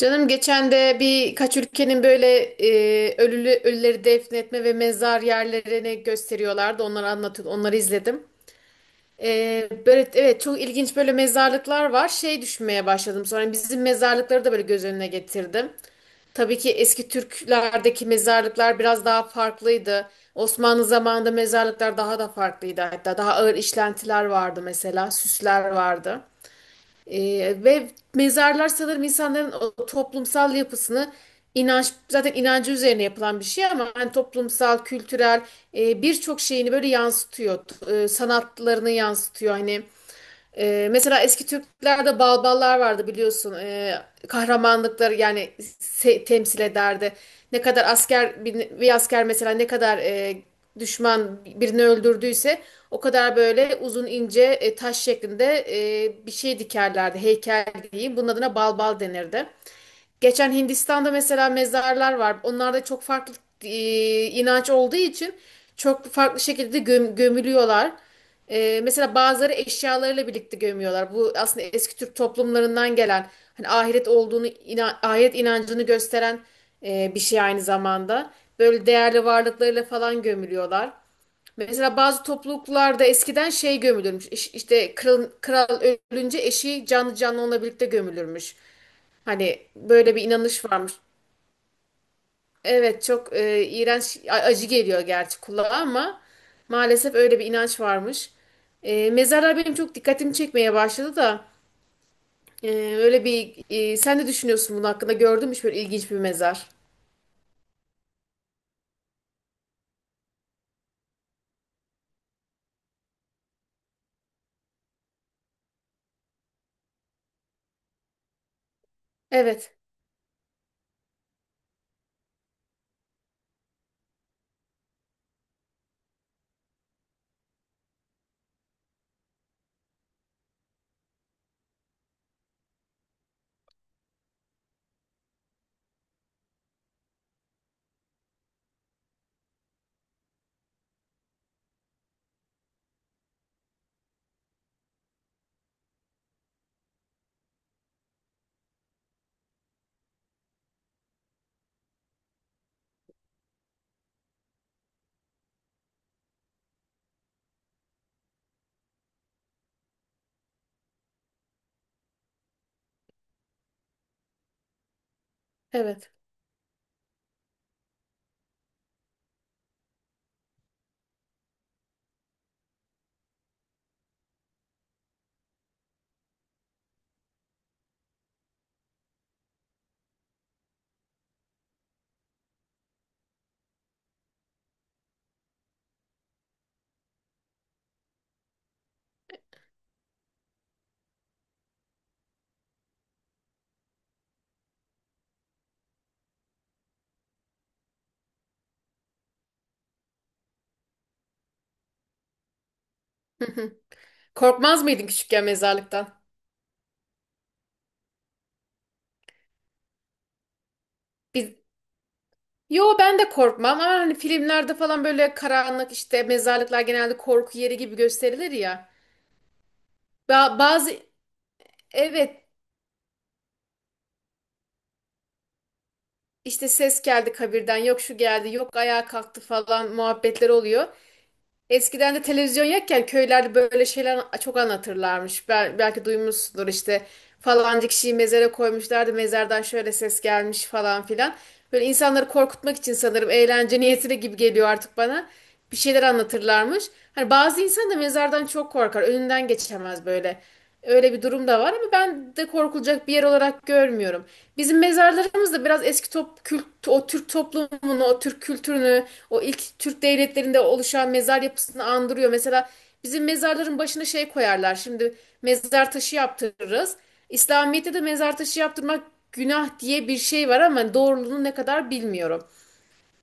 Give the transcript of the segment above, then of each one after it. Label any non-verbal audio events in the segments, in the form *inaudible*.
Canım geçen de birkaç ülkenin böyle ölüleri defnetme ve mezar yerlerini gösteriyorlardı. Onları anlatıyor, onları izledim. Böyle evet, çok ilginç, böyle mezarlıklar var. Şey, düşünmeye başladım sonra, hani bizim mezarlıkları da böyle göz önüne getirdim. Tabii ki eski Türklerdeki mezarlıklar biraz daha farklıydı. Osmanlı zamanında mezarlıklar daha da farklıydı. Hatta daha ağır işlentiler vardı mesela, süsler vardı. Ve mezarlar sanırım insanların o toplumsal yapısını, inanç, zaten inancı üzerine yapılan bir şey ama hani toplumsal, kültürel birçok şeyini böyle yansıtıyor. Sanatlarını yansıtıyor hani. Mesela eski Türklerde balballar vardı, biliyorsun. Kahramanlıkları yani temsil ederdi. Ne kadar asker, bir asker mesela ne kadar düşman birini öldürdüyse o kadar böyle uzun ince taş şeklinde bir şey dikerlerdi. Heykel diyeyim. Bunun adına balbal denirdi. Geçen Hindistan'da mesela mezarlar var. Onlarda çok farklı e, inanç olduğu için çok farklı şekilde gömülüyorlar. E, mesela bazıları eşyalarıyla birlikte gömüyorlar. Bu aslında eski Türk toplumlarından gelen, hani ahiret inancını gösteren bir şey aynı zamanda. Böyle değerli varlıklarıyla falan gömülüyorlar. Mesela bazı topluluklarda eskiden şey gömülürmüş. İşte kral ölünce eşi canlı canlı onunla birlikte gömülürmüş. Hani böyle bir inanış varmış. Evet, çok iğrenç, acı geliyor gerçi kulağa ama maalesef öyle bir inanç varmış. E, mezarlar benim çok dikkatimi çekmeye başladı da e, öyle bir sen ne düşünüyorsun bunun hakkında? Gördün mü hiç böyle ilginç bir mezar? Evet, evet. *laughs* Korkmaz mıydın küçükken mezarlıktan? Biz, yo ben de korkmam ama hani filmlerde falan böyle karanlık, işte mezarlıklar genelde korku yeri gibi gösterilir ya. Bazı, evet. İşte ses geldi kabirden, yok şu geldi, yok ayağa kalktı falan muhabbetler oluyor. Eskiden de televizyon yokken köylerde böyle şeyler çok anlatırlarmış. Belki duymuşsundur, işte falanca kişiyi mezara koymuşlardı. Mezardan şöyle ses gelmiş falan filan. Böyle insanları korkutmak için sanırım, eğlence niyetine gibi geliyor artık bana. Bir şeyler anlatırlarmış. Hani bazı insan da mezardan çok korkar. Önünden geçemez böyle. Öyle bir durum da var ama ben de korkulacak bir yer olarak görmüyorum. Bizim mezarlarımız da biraz eski o Türk toplumunu, o Türk kültürünü, o ilk Türk devletlerinde oluşan mezar yapısını andırıyor. Mesela bizim mezarların başına şey koyarlar. Şimdi mezar taşı yaptırırız. İslamiyet'te de mezar taşı yaptırmak günah diye bir şey var ama doğruluğunu ne kadar bilmiyorum.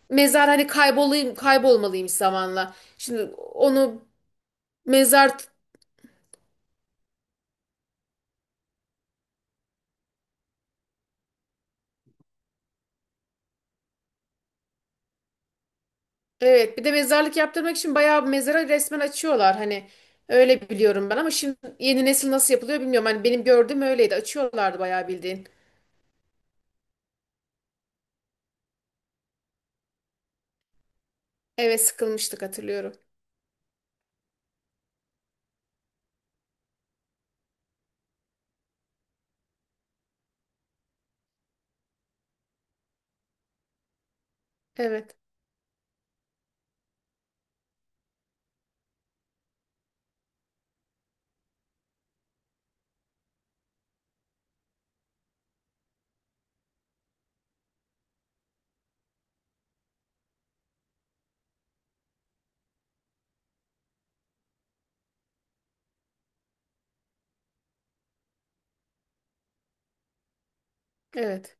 Mezar, hani kaybolmalıymış zamanla. Şimdi onu mezar, evet. Bir de mezarlık yaptırmak için bayağı bir mezara resmen açıyorlar, hani öyle biliyorum ben ama şimdi yeni nesil nasıl yapılıyor bilmiyorum. Hani benim gördüğüm öyleydi. Açıyorlardı bayağı bildiğin. Evet, sıkılmıştık, hatırlıyorum. Evet. Evet.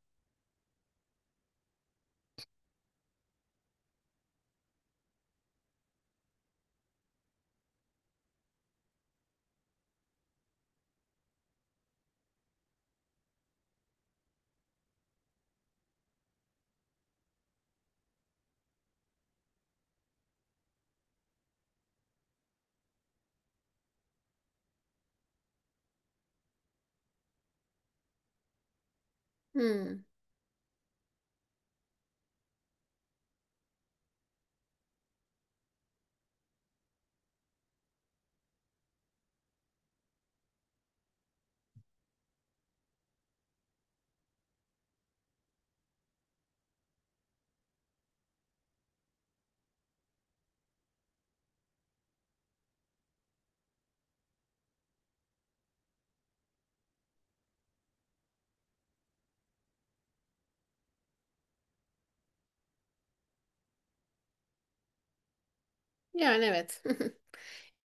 Hmm. Yani evet.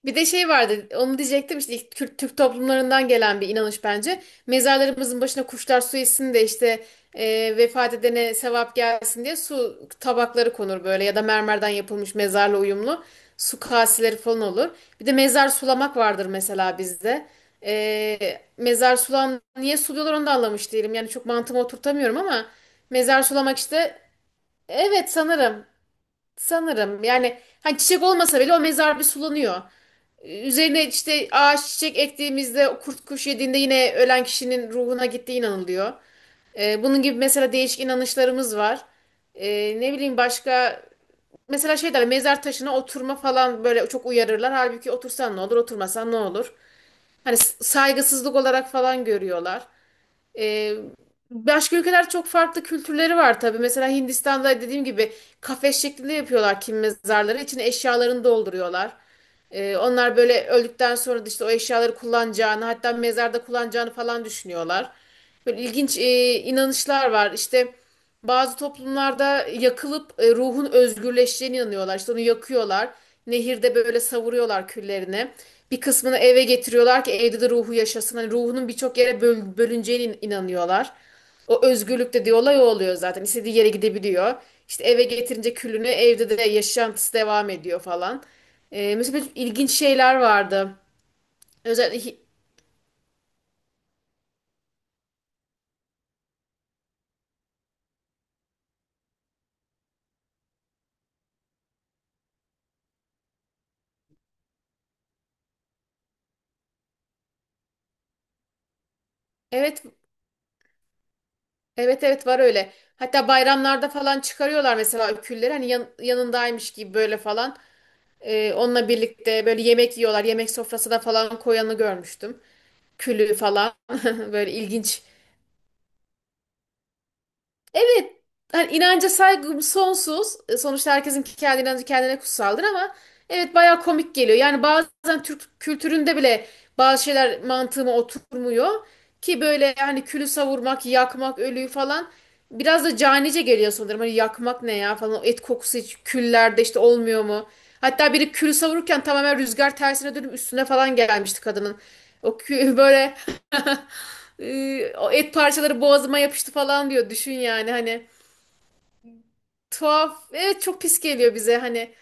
Bir de şey vardı, onu diyecektim, işte ilk Kürt Türk toplumlarından gelen bir inanış bence. Mezarlarımızın başına kuşlar su içsin de işte vefat edene sevap gelsin diye su tabakları konur böyle, ya da mermerden yapılmış mezarla uyumlu su kaseleri falan olur. Bir de mezar sulamak vardır mesela bizde. E, mezar sulan niye suluyorlar onu da anlamış değilim. Yani çok mantığıma oturtamıyorum ama mezar sulamak işte, evet sanırım, sanırım yani, hani çiçek olmasa bile o mezar bir sulanıyor. Üzerine işte ağaç çiçek ektiğimizde kurt kuş yediğinde yine ölen kişinin ruhuna gittiği inanılıyor. Bunun gibi mesela değişik inanışlarımız var. Ne bileyim, başka mesela şey derler, mezar taşına oturma falan, böyle çok uyarırlar. Halbuki otursan ne olur, oturmasan ne olur. Hani saygısızlık olarak falan görüyorlar. Ee, başka ülkeler, çok farklı kültürleri var tabii. Mesela Hindistan'da dediğim gibi kafes şeklinde yapıyorlar kim mezarları. İçine eşyalarını dolduruyorlar. Onlar böyle öldükten sonra da işte o eşyaları kullanacağını, hatta mezarda kullanacağını falan düşünüyorlar. Böyle ilginç inanışlar var. İşte bazı toplumlarda yakılıp ruhun özgürleşeceğine inanıyorlar. İşte onu yakıyorlar. Nehirde böyle savuruyorlar küllerini. Bir kısmını eve getiriyorlar ki evde de ruhu yaşasın. Hani ruhunun birçok yere bölüneceğine inanıyorlar. O özgürlük dediği olay o oluyor zaten. İstediği yere gidebiliyor. İşte eve getirince külünü evde de yaşantısı devam ediyor falan. Mesela böyle ilginç şeyler vardı. Özellikle evet, evet var öyle. Hatta bayramlarda falan çıkarıyorlar mesela külleri, hani yanındaymış gibi böyle falan. Onunla birlikte böyle yemek yiyorlar. Yemek sofrasına falan koyanı görmüştüm. Külü falan, *laughs* böyle ilginç. Evet, hani inanca saygım sonsuz. E, sonuçta herkesin kendi inancı kendine kutsaldır ama evet, bayağı komik geliyor. Yani bazen Türk kültüründe bile bazı şeyler mantığıma oturmuyor ki, böyle hani külü savurmak, yakmak, ölüyü falan biraz da canice geliyor sanırım. Hani yakmak ne ya falan, o et kokusu hiç küllerde işte olmuyor mu? Hatta biri külü savururken tamamen rüzgar tersine dönüp üstüne falan gelmişti kadının. O kü *laughs* böyle *laughs* O et parçaları boğazıma yapıştı falan diyor. Düşün yani, hani tuhaf. Evet, çok pis geliyor bize hani.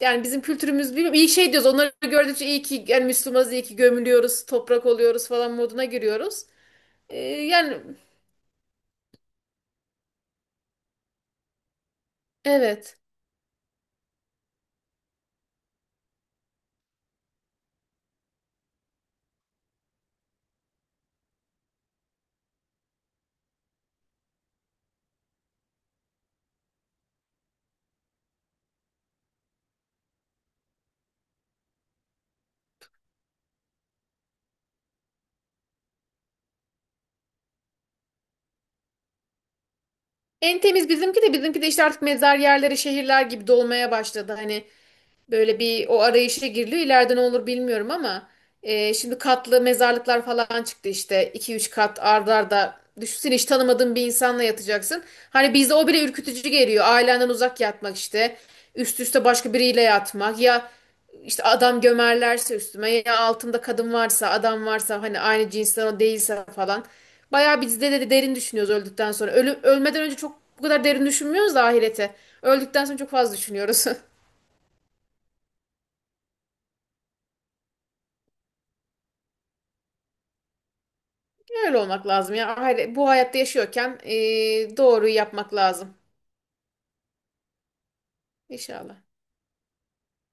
Yani bizim kültürümüz, bilmiyorum. İyi şey diyoruz. Onları gördükçe iyi ki yani Müslümanız, iyi ki gömülüyoruz, toprak oluyoruz falan moduna giriyoruz. Yani evet. En temiz bizimki de, bizimki de işte artık mezar yerleri şehirler gibi dolmaya başladı. Hani böyle bir o arayışa giriliyor. İleride ne olur bilmiyorum ama şimdi katlı mezarlıklar falan çıktı işte. İki üç kat arda. Düşünsene hiç tanımadığın bir insanla yatacaksın. Hani bizde o bile ürkütücü geliyor. Ailenden uzak yatmak işte. Üst üste başka biriyle yatmak. Ya işte adam gömerlerse üstüme, ya altımda kadın varsa, adam varsa, hani aynı cinsten o değilse falan. Bayağı biz de derin düşünüyoruz öldükten sonra. Ölmeden önce çok bu kadar derin düşünmüyoruz da, ahirete öldükten sonra çok fazla düşünüyoruz. *laughs* Öyle olmak lazım ya. Hayır, bu hayatta yaşıyorken doğruyu yapmak lazım. İnşallah.